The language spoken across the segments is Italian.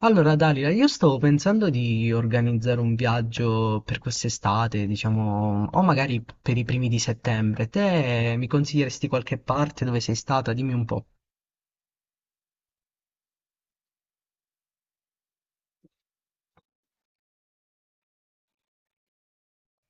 Allora, Dalila, io stavo pensando di organizzare un viaggio per quest'estate, diciamo, o magari per i primi di settembre. Te mi consiglieresti qualche parte dove sei stata? Dimmi un po'.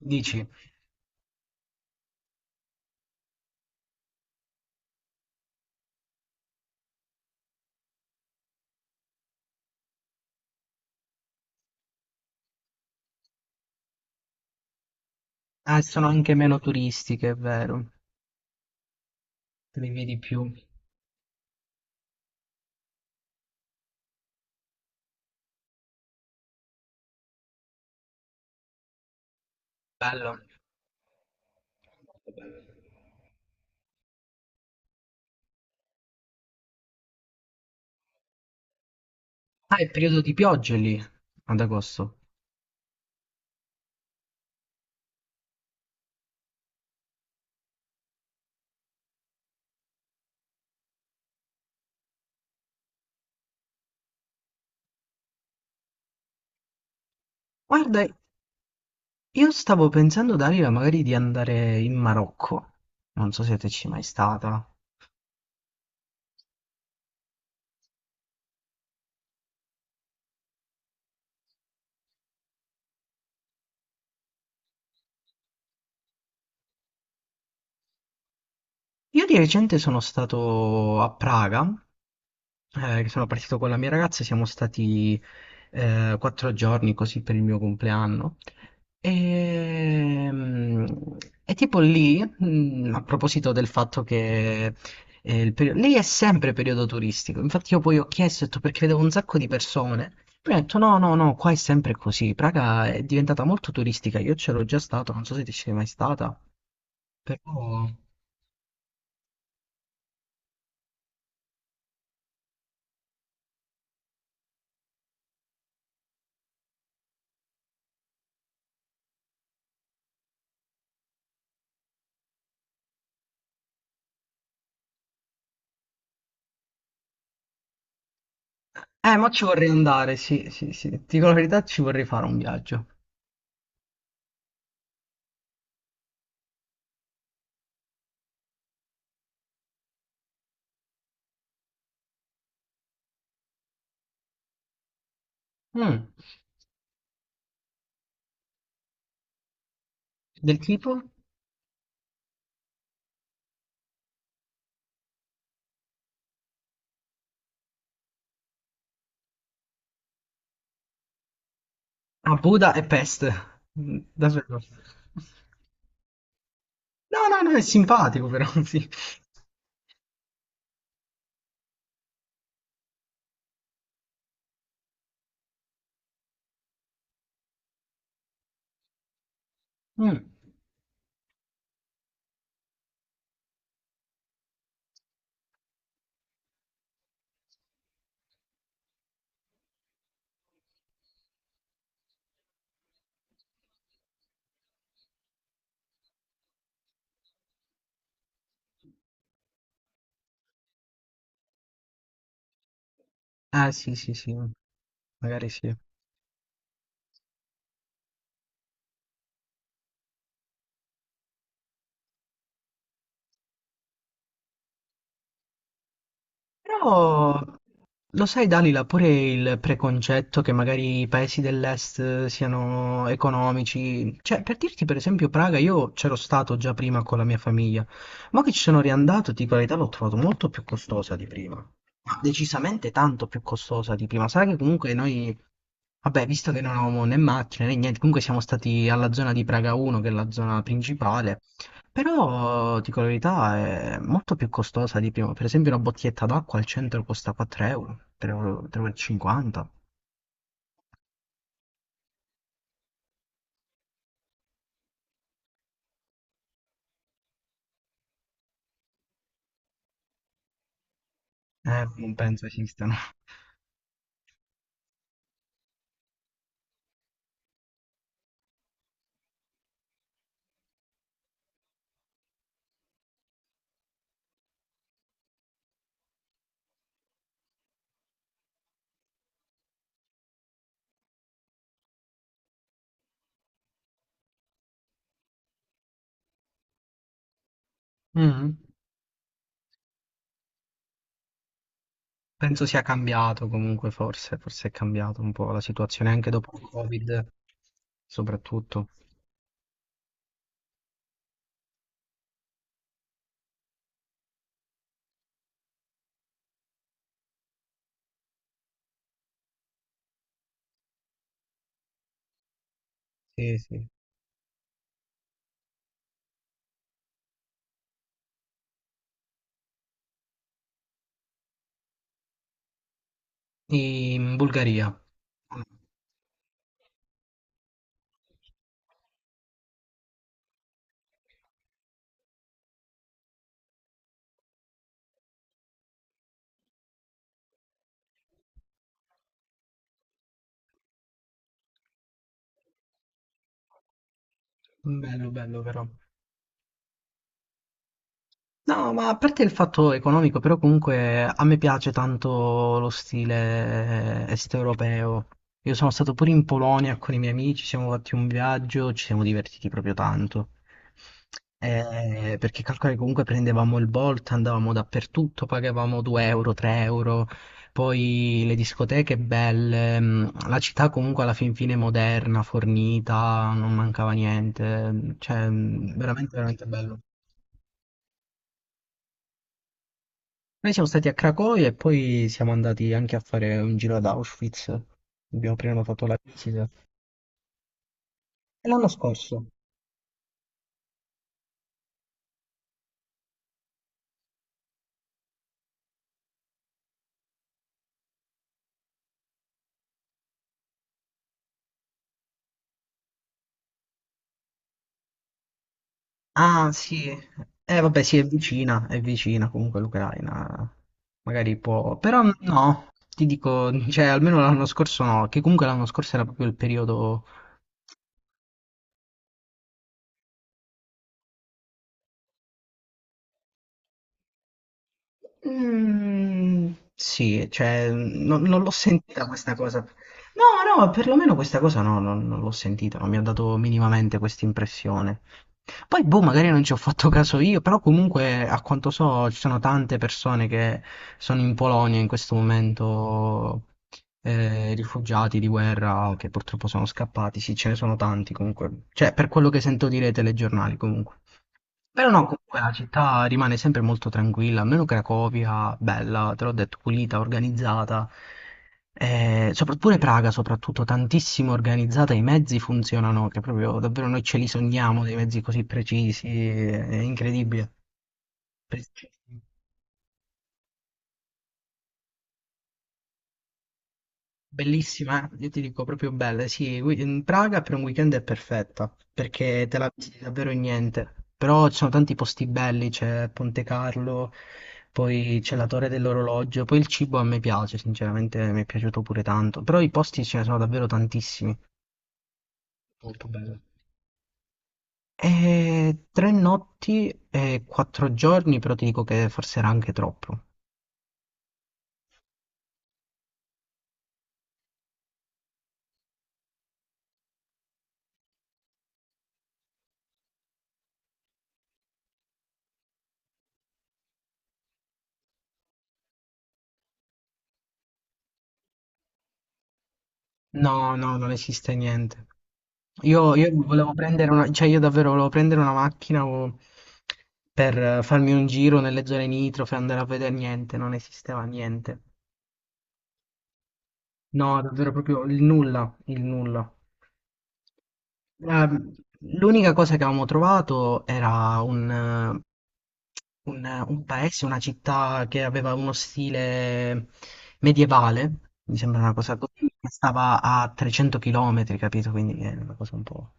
Dici? Ah, sono anche meno turistiche, è vero. Te li vedi più. Bello. Ah, è periodo di piogge lì, ad agosto. Guarda, io stavo pensando, Dalila, magari di andare in Marocco. Non so se te ci sei mai stata. Io di recente sono stato a Praga, che sono partito con la mia ragazza, siamo stati 4 giorni così per il mio compleanno. Ehm, E, tipo lì, mm, a proposito del fatto che lì è sempre periodo turistico, infatti io poi ho chiesto, ho detto, perché vedevo un sacco di persone, poi ho detto no, no, no, qua è sempre così, Praga è diventata molto turistica, io c'ero già stato, non so se ti sei mai stata, però... ma ci vorrei andare, sì, sì, sì. Ti dico la verità, ci vorrei fare un viaggio. Mm. Del tipo? A Buda e Pest. Mm, davvero. No, no, no, è simpatico però, sì. Mm. Sì, sì, sì. Magari sì. Però, lo sai, Dalila, pure il preconcetto che magari i paesi dell'est siano economici. Cioè, per dirti, per esempio, Praga, io c'ero stato già prima con la mia famiglia, ma che ci sono riandato, ti dico la verità, l'ho trovato molto più costosa di prima. Ma decisamente tanto più costosa di prima. Sai che comunque noi, vabbè, visto che non avevamo né macchine né niente, comunque siamo stati alla zona di Praga 1, che è la zona principale, però, dico la verità, è molto più costosa di prima. Per esempio una bottiglietta d'acqua al centro costa 4 euro, 3,50 euro. Tre euro e cinquanta. Non penso esistano. Mm. Penso sia cambiato comunque, forse, forse è cambiato un po' la situazione anche dopo il Covid, soprattutto. Sì, sì. In Bulgaria. Bello, bello però. No, ma a parte il fatto economico, però comunque a me piace tanto lo stile est-europeo. Io sono stato pure in Polonia con i miei amici, siamo fatti un viaggio, ci siamo divertiti proprio tanto. Perché calcola che comunque prendevamo il Bolt, andavamo dappertutto, pagavamo 2 euro, 3 euro, poi le discoteche belle, mm, la città comunque alla fin fine moderna, fornita, non mancava niente, cioè mm, veramente veramente bello. Noi siamo stati a Cracovia e poi siamo andati anche a fare un giro ad Auschwitz. Abbiamo prenotato la visita. E l'anno scorso. Ah, sì. Vabbè, sì, è vicina comunque l'Ucraina. Magari può... Però no, ti dico, cioè, almeno l'anno scorso no, che comunque l'anno scorso era proprio il periodo. Mm, sì, cioè, non l'ho sentita questa cosa. No, no, perlomeno questa cosa no, non l'ho sentita, non mi ha dato minimamente questa impressione. Poi, boh, magari non ci ho fatto caso io, però comunque, a quanto so, ci sono tante persone che sono in Polonia in questo momento, rifugiati di guerra o che purtroppo sono scappati. Sì, ce ne sono tanti comunque. Cioè, per quello che sento dire ai telegiornali, comunque. Però no, comunque la città rimane sempre molto tranquilla, almeno Cracovia, bella, te l'ho detto, pulita, organizzata. Pure Praga soprattutto, tantissimo organizzata, i mezzi funzionano, che proprio davvero noi ce li sogniamo, dei mezzi così precisi, è incredibile. Precisi. Bellissima, io ti dico proprio bella, sì, in Praga per un weekend è perfetta, perché te la visiti davvero in niente, però ci sono tanti posti belli, c'è Ponte Carlo, poi c'è la Torre dell'Orologio, poi il cibo a me piace, sinceramente mi è piaciuto pure tanto, però i posti ce ne sono davvero tantissimi. Molto bello. E 3 notti e 4 giorni, però ti dico che forse era anche troppo. No, no, non esiste niente. Io volevo prendere una, cioè io davvero volevo prendere una macchina per farmi un giro nelle zone nitrofe, andare a vedere niente, non esisteva niente. No, davvero proprio il nulla, il nulla. Ehm, L'unica cosa che avevamo trovato era un paese, una città che aveva uno stile medievale, mi sembra una cosa così, che stava a 300 km, capito? Quindi è una cosa un po'...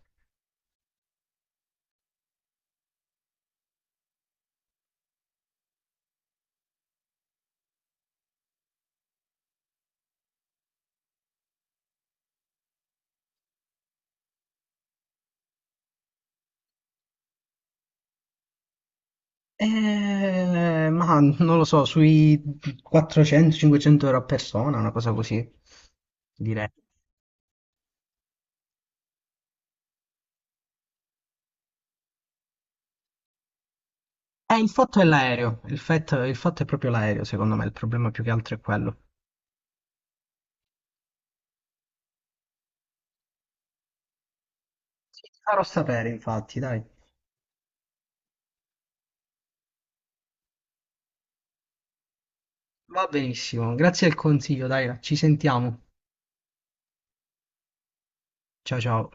Ma non lo so, sui 400-500 € a persona, una cosa così, direi. Il fatto è l'aereo, il fatto è proprio l'aereo, secondo me, il problema più che altro è quello. Sì, ti farò sapere, infatti, dai. Va benissimo, grazie del consiglio, dai, ci sentiamo. Ciao ciao.